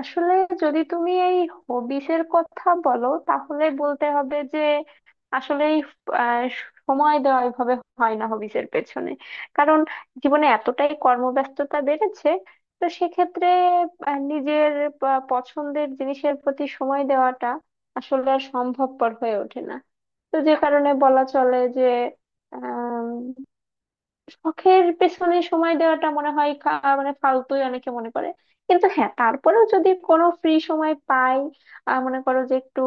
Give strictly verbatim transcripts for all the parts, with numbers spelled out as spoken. আসলে যদি তুমি এই হবিস এর কথা বলো তাহলে বলতে হবে যে আসলে সময় দেওয়া এভাবে হয় না হবিস এর পেছনে। কারণ জীবনে এতটাই কর্মব্যস্ততা বেড়েছে, তো সেক্ষেত্রে আহ, নিজের প- পছন্দের জিনিসের প্রতি সময় দেওয়াটা আসলে আর সম্ভবপর হয়ে ওঠে না। তো যে কারণে বলা চলে যে শখের পেছনে সময় দেওয়াটা মনে হয় খা- মানে ফালতুই অনেকে মনে করে। কিন্তু হ্যাঁ, তারপরেও যদি কোনো ফ্রি সময় পাই, আহ, মনে করো যে একটু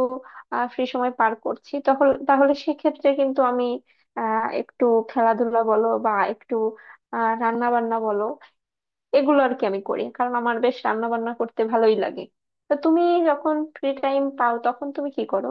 ফ্রি সময় পার করছি তখন, তাহলে সেক্ষেত্রে কিন্তু আমি আহ একটু খেলাধুলা বলো বা একটু আহ রান্না বান্না বলো, এগুলো আর কি আমি করি। কারণ আমার বেশ রান্না বান্না করতে ভালোই লাগে। তো তুমি যখন ফ্রি টাইম পাও তখন তুমি কি করো?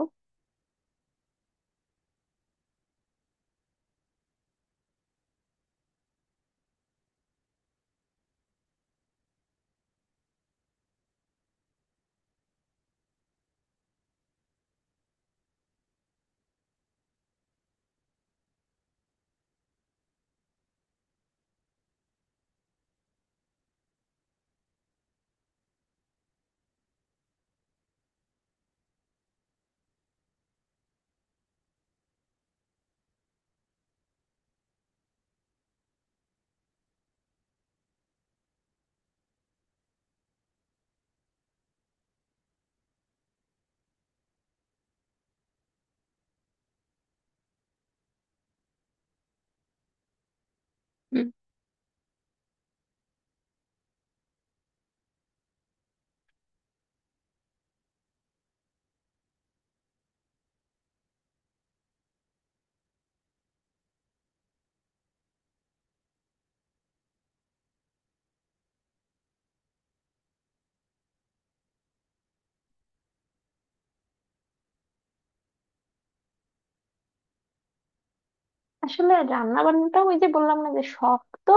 আসলে রান্না বান্নাটাও ওই যে বললাম না যে শখ, তো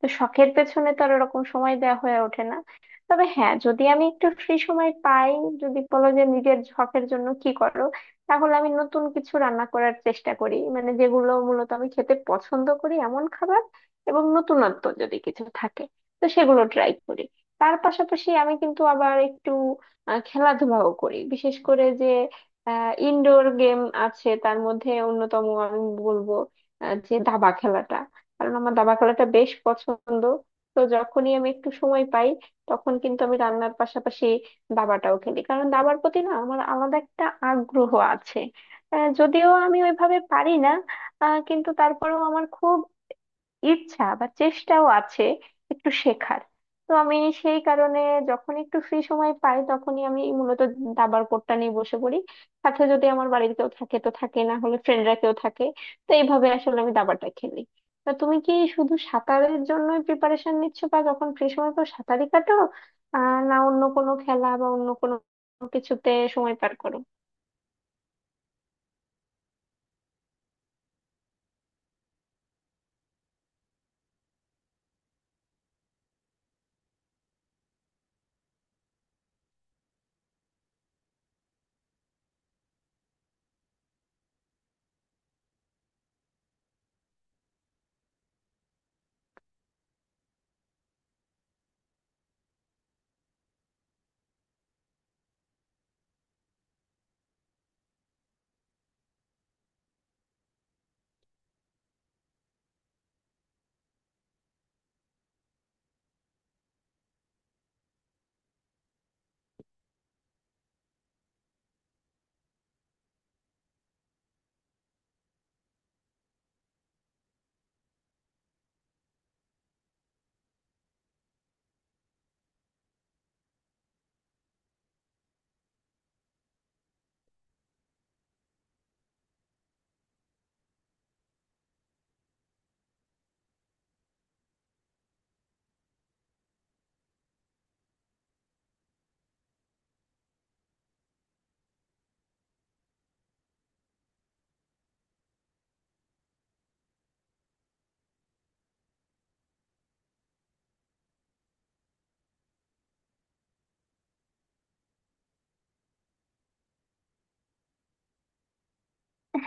তো শখের পেছনে তো আর ওরকম সময় দেওয়া হয়ে ওঠে না। তবে হ্যাঁ, যদি আমি একটু ফ্রি সময় পাই, যদি বলো যে নিজের শখের জন্য কি করো, তাহলে আমি নতুন কিছু রান্না করার চেষ্টা করি, মানে যেগুলো মূলত আমি খেতে পছন্দ করি এমন খাবার এবং নতুনত্ব যদি কিছু থাকে তো সেগুলো ট্রাই করি। তার পাশাপাশি আমি কিন্তু আবার একটু আহ, খেলাধুলাও করি। বিশেষ করে যে ইনডোর গেম আছে তার মধ্যে অন্যতম আমি বলবো আহ, যে দাবা খেলাটা, কারণ আমার দাবা খেলাটা বেশ পছন্দ। তো যখনই আমি একটু সময় পাই তখন কিন্তু আমি রান্নার পাশাপাশি দাবাটাও খেলি, কারণ দাবার প্রতি না আমার আলাদা একটা আগ্রহ আছে। আহ, যদিও আমি ওইভাবে পারি না, আহ, কিন্তু তারপরেও আমার খুব ইচ্ছা বা চেষ্টাও আছে একটু শেখার। তো আমি সেই কারণে যখন একটু ফ্রি সময় পাই তখনই আমি মূলত দাবার কোর্টটা নিয়ে বসে পড়ি। সাথে যদি আমার বাড়ির কেউ থাকে তো থাকে, না হলে ফ্রেন্ডরা কেউ থাকে। তো এইভাবে আসলে আমি দাবাটা খেলি। তা তুমি কি শুধু সাঁতারের জন্য প্রিপারেশন নিচ্ছ বা যখন ফ্রি সময় পাও সাঁতারই কাটো? আহ না অন্য কোনো খেলা বা অন্য কোনো কিছুতে সময় পার করো?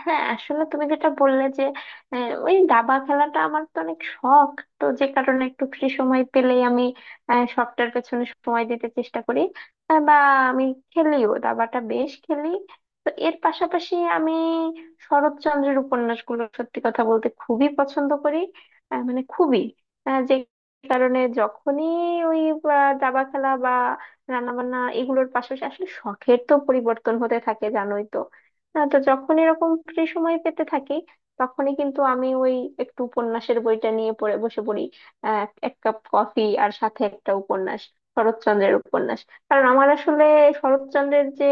হ্যাঁ আসলে তুমি যেটা বললে যে আহ, ওই দাবা খেলাটা আমার তো অনেক শখ, তো যে কারণে একটু ফ্রি সময় পেলেই আমি আহ, শখটার পেছনে সময় দিতে চেষ্টা করি। আহ, বা আমি খেলিও, দাবাটা বেশ খেলি। তো এর পাশাপাশি আমি শরৎচন্দ্রের উপন্যাসগুলো সত্যি কথা বলতে খুবই পছন্দ করি। আহ, মানে খুবই আহ, যে কারণে যখনই ওই আহ, দাবা খেলা বা রান্না বান্না এগুলোর পাশাপাশি আসলে শখের তো পরিবর্তন হতে থাকে, জানোই তো? না তো, যখন এরকম ফ্রি সময় পেতে থাকি তখনই কিন্তু আমি ওই একটু উপন্যাসের বইটা নিয়ে পড়ে বসে পড়ি। আহ, এক কাপ কফি আর সাথে একটা উপন্যাস, শরৎচন্দ্রের উপন্যাস। কারণ আমার আসলে শরৎচন্দ্রের যে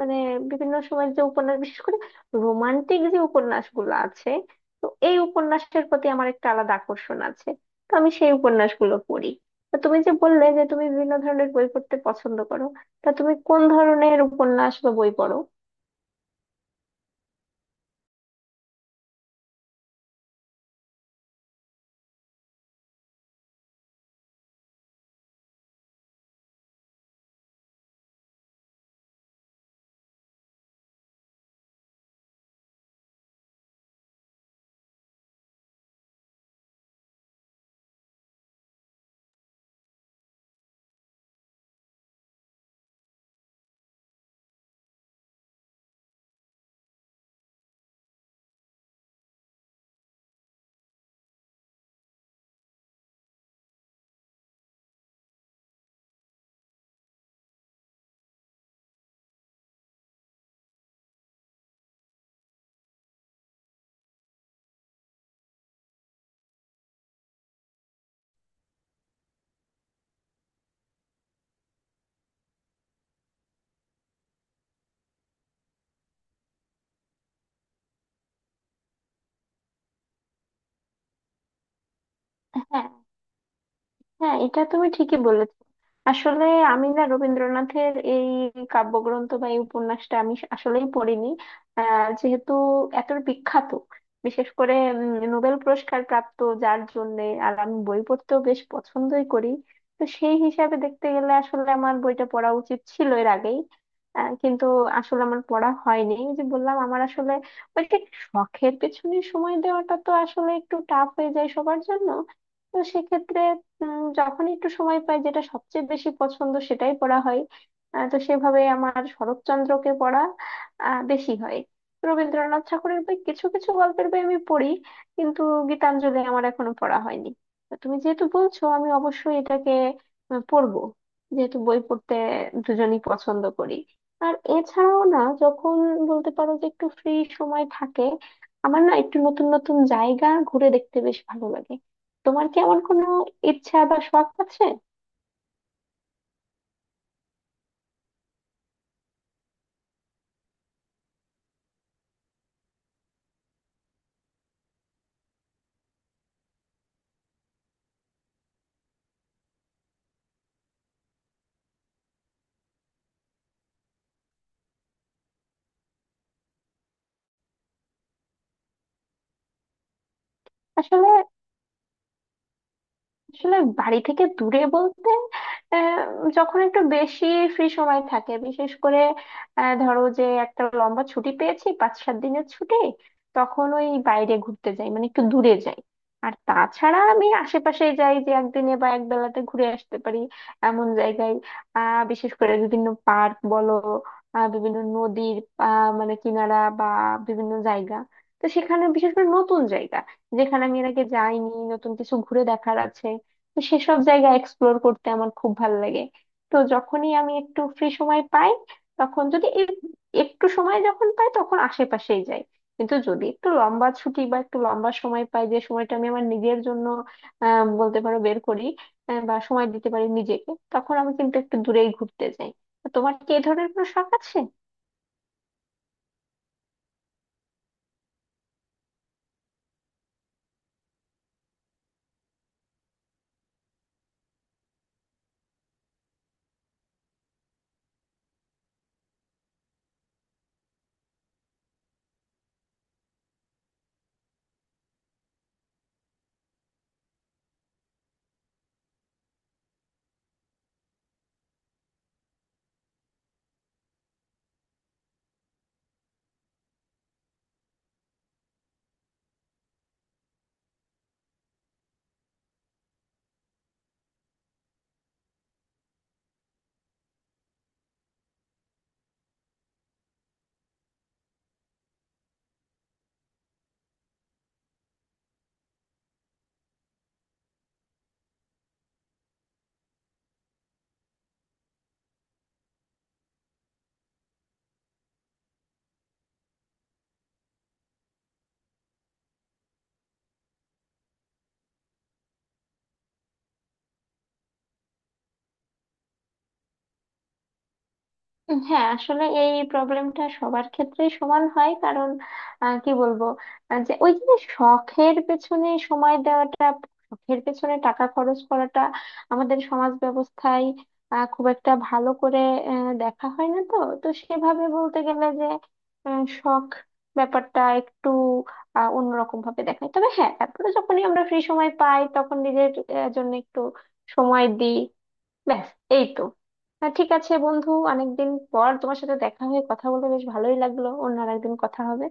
মানে বিভিন্ন সময়ের যে উপন্যাস, বিশেষ করে রোমান্টিক যে উপন্যাসগুলো আছে, তো এই উপন্যাসের প্রতি আমার একটা আলাদা আকর্ষণ আছে। তো আমি সেই উপন্যাসগুলো পড়ি। তো তুমি যে বললে যে তুমি বিভিন্ন ধরনের বই পড়তে পছন্দ করো, তা তুমি কোন ধরনের উপন্যাস বা বই পড়ো? হ্যাঁ, হ্যাঁ এটা তুমি ঠিকই বলেছো। আসলে আমি না রবীন্দ্রনাথের এই কাব্যগ্রন্থ বা এই উপন্যাসটা আমি আসলেই পড়িনি। আহ, যেহেতু এত বিখ্যাত, বিশেষ করে উম, নোবেল পুরস্কার প্রাপ্ত, যার জন্য আর আমি বই পড়তেও বেশ পছন্দই করি, তো সেই হিসাবে দেখতে গেলে আসলে আমার বইটা পড়া উচিত ছিল এর আগেই। আহ, কিন্তু আসলে আমার পড়া হয়নি। এই যে বললাম আমার আসলে ওই যে শখের পেছনে সময় দেওয়াটা তো আসলে একটু টাফ হয়ে যায় সবার জন্য। তো সেক্ষেত্রে উম, যখন একটু সময় পাই, যেটা সবচেয়ে বেশি পছন্দ সেটাই পড়া হয়। আহ, তো সেভাবে আমার শরৎচন্দ্রকে পড়া আহ, বেশি হয়। রবীন্দ্রনাথ ঠাকুরের বই, কিছু কিছু গল্পের বই আমি পড়ি, কিন্তু গীতাঞ্জলি আমার এখনো পড়া হয়নি। তো তুমি যেহেতু বলছো, আমি অবশ্যই এটাকে আহ, পড়বো, যেহেতু বই পড়তে দুজনই পছন্দ করি। আর এছাড়াও না যখন বলতে পারো যে একটু ফ্রি সময় থাকে, আমার না একটু নতুন নতুন জায়গা ঘুরে দেখতে বেশ ভালো লাগে। তোমার কি এমন কোনো ইচ্ছা বা শখ আছে? আসলে আসলে বাড়ি থেকে দূরে বলতে, আহ, যখন একটু বেশি ফ্রি সময় থাকে, বিশেষ করে আহ, ধরো যে একটা লম্বা ছুটি পেয়েছি, পাঁচ সাত দিনের ছুটি, তখন ওই বাইরে ঘুরতে যাই, মানে একটু দূরে যাই। আর তাছাড়া আমি আশেপাশে যাই, যে একদিনে বা এক বেলাতে ঘুরে আসতে পারি এমন জায়গায়। আহ বিশেষ করে বিভিন্ন পার্ক বলো, আহ, বিভিন্ন নদীর আহ, মানে কিনারা বা বিভিন্ন জায়গা। তো সেখানে বিশেষ করে নতুন জায়গা, যেখানে আমি এর আগে যাইনি, নতুন কিছু ঘুরে দেখার আছে, তো সেসব জায়গা এক্সপ্লোর করতে আমার খুব ভালো লাগে। তো যখনই আমি একটু ফ্রি সময় পাই, তখন যদি এই- একটু সময় যখন পাই তখন আশেপাশেই যাই। কিন্তু যদি একটু লম্বা ছুটি বা একটু লম্বা সময় পাই, যে সময়টা আমি আমার নিজের জন্য আহ বলতে পারো বের করি, আহ, বা সময় দিতে পারি নিজেকে, তখন আমি কিন্তু একটু দূরেই ঘুরতে যাই। তো তোমার কি এই ধরনের কোনো শখ আছে? হ্যাঁ আসলে এই প্রবলেমটা সবার ক্ষেত্রেই সমান হয়। কারণ আহ, কি বলবো, আহ, যে ওই যে শখের পেছনে সময় দেওয়াটা, শখের পেছনে টাকা খরচ করাটা আমাদের সমাজ ব্যবস্থায় আহ, খুব একটা ভালো করে আহ, দেখা হয় না তো। তো সেভাবে বলতে গেলে যে উম, শখ ব্যাপারটা একটু আহ, অন্যরকম ভাবে দেখায়। তবে হ্যাঁ, তারপরে যখনই আমরা ফ্রি সময় পাই তখন নিজের আহ, জন্য একটু সময় দিই। ব্যাস, এই তো। আহ, ঠিক আছে বন্ধু, অনেকদিন পর তোমার সাথে দেখা হয়ে কথা বলে বেশ ভালোই লাগলো। অন্য আর একদিন কথা হবে।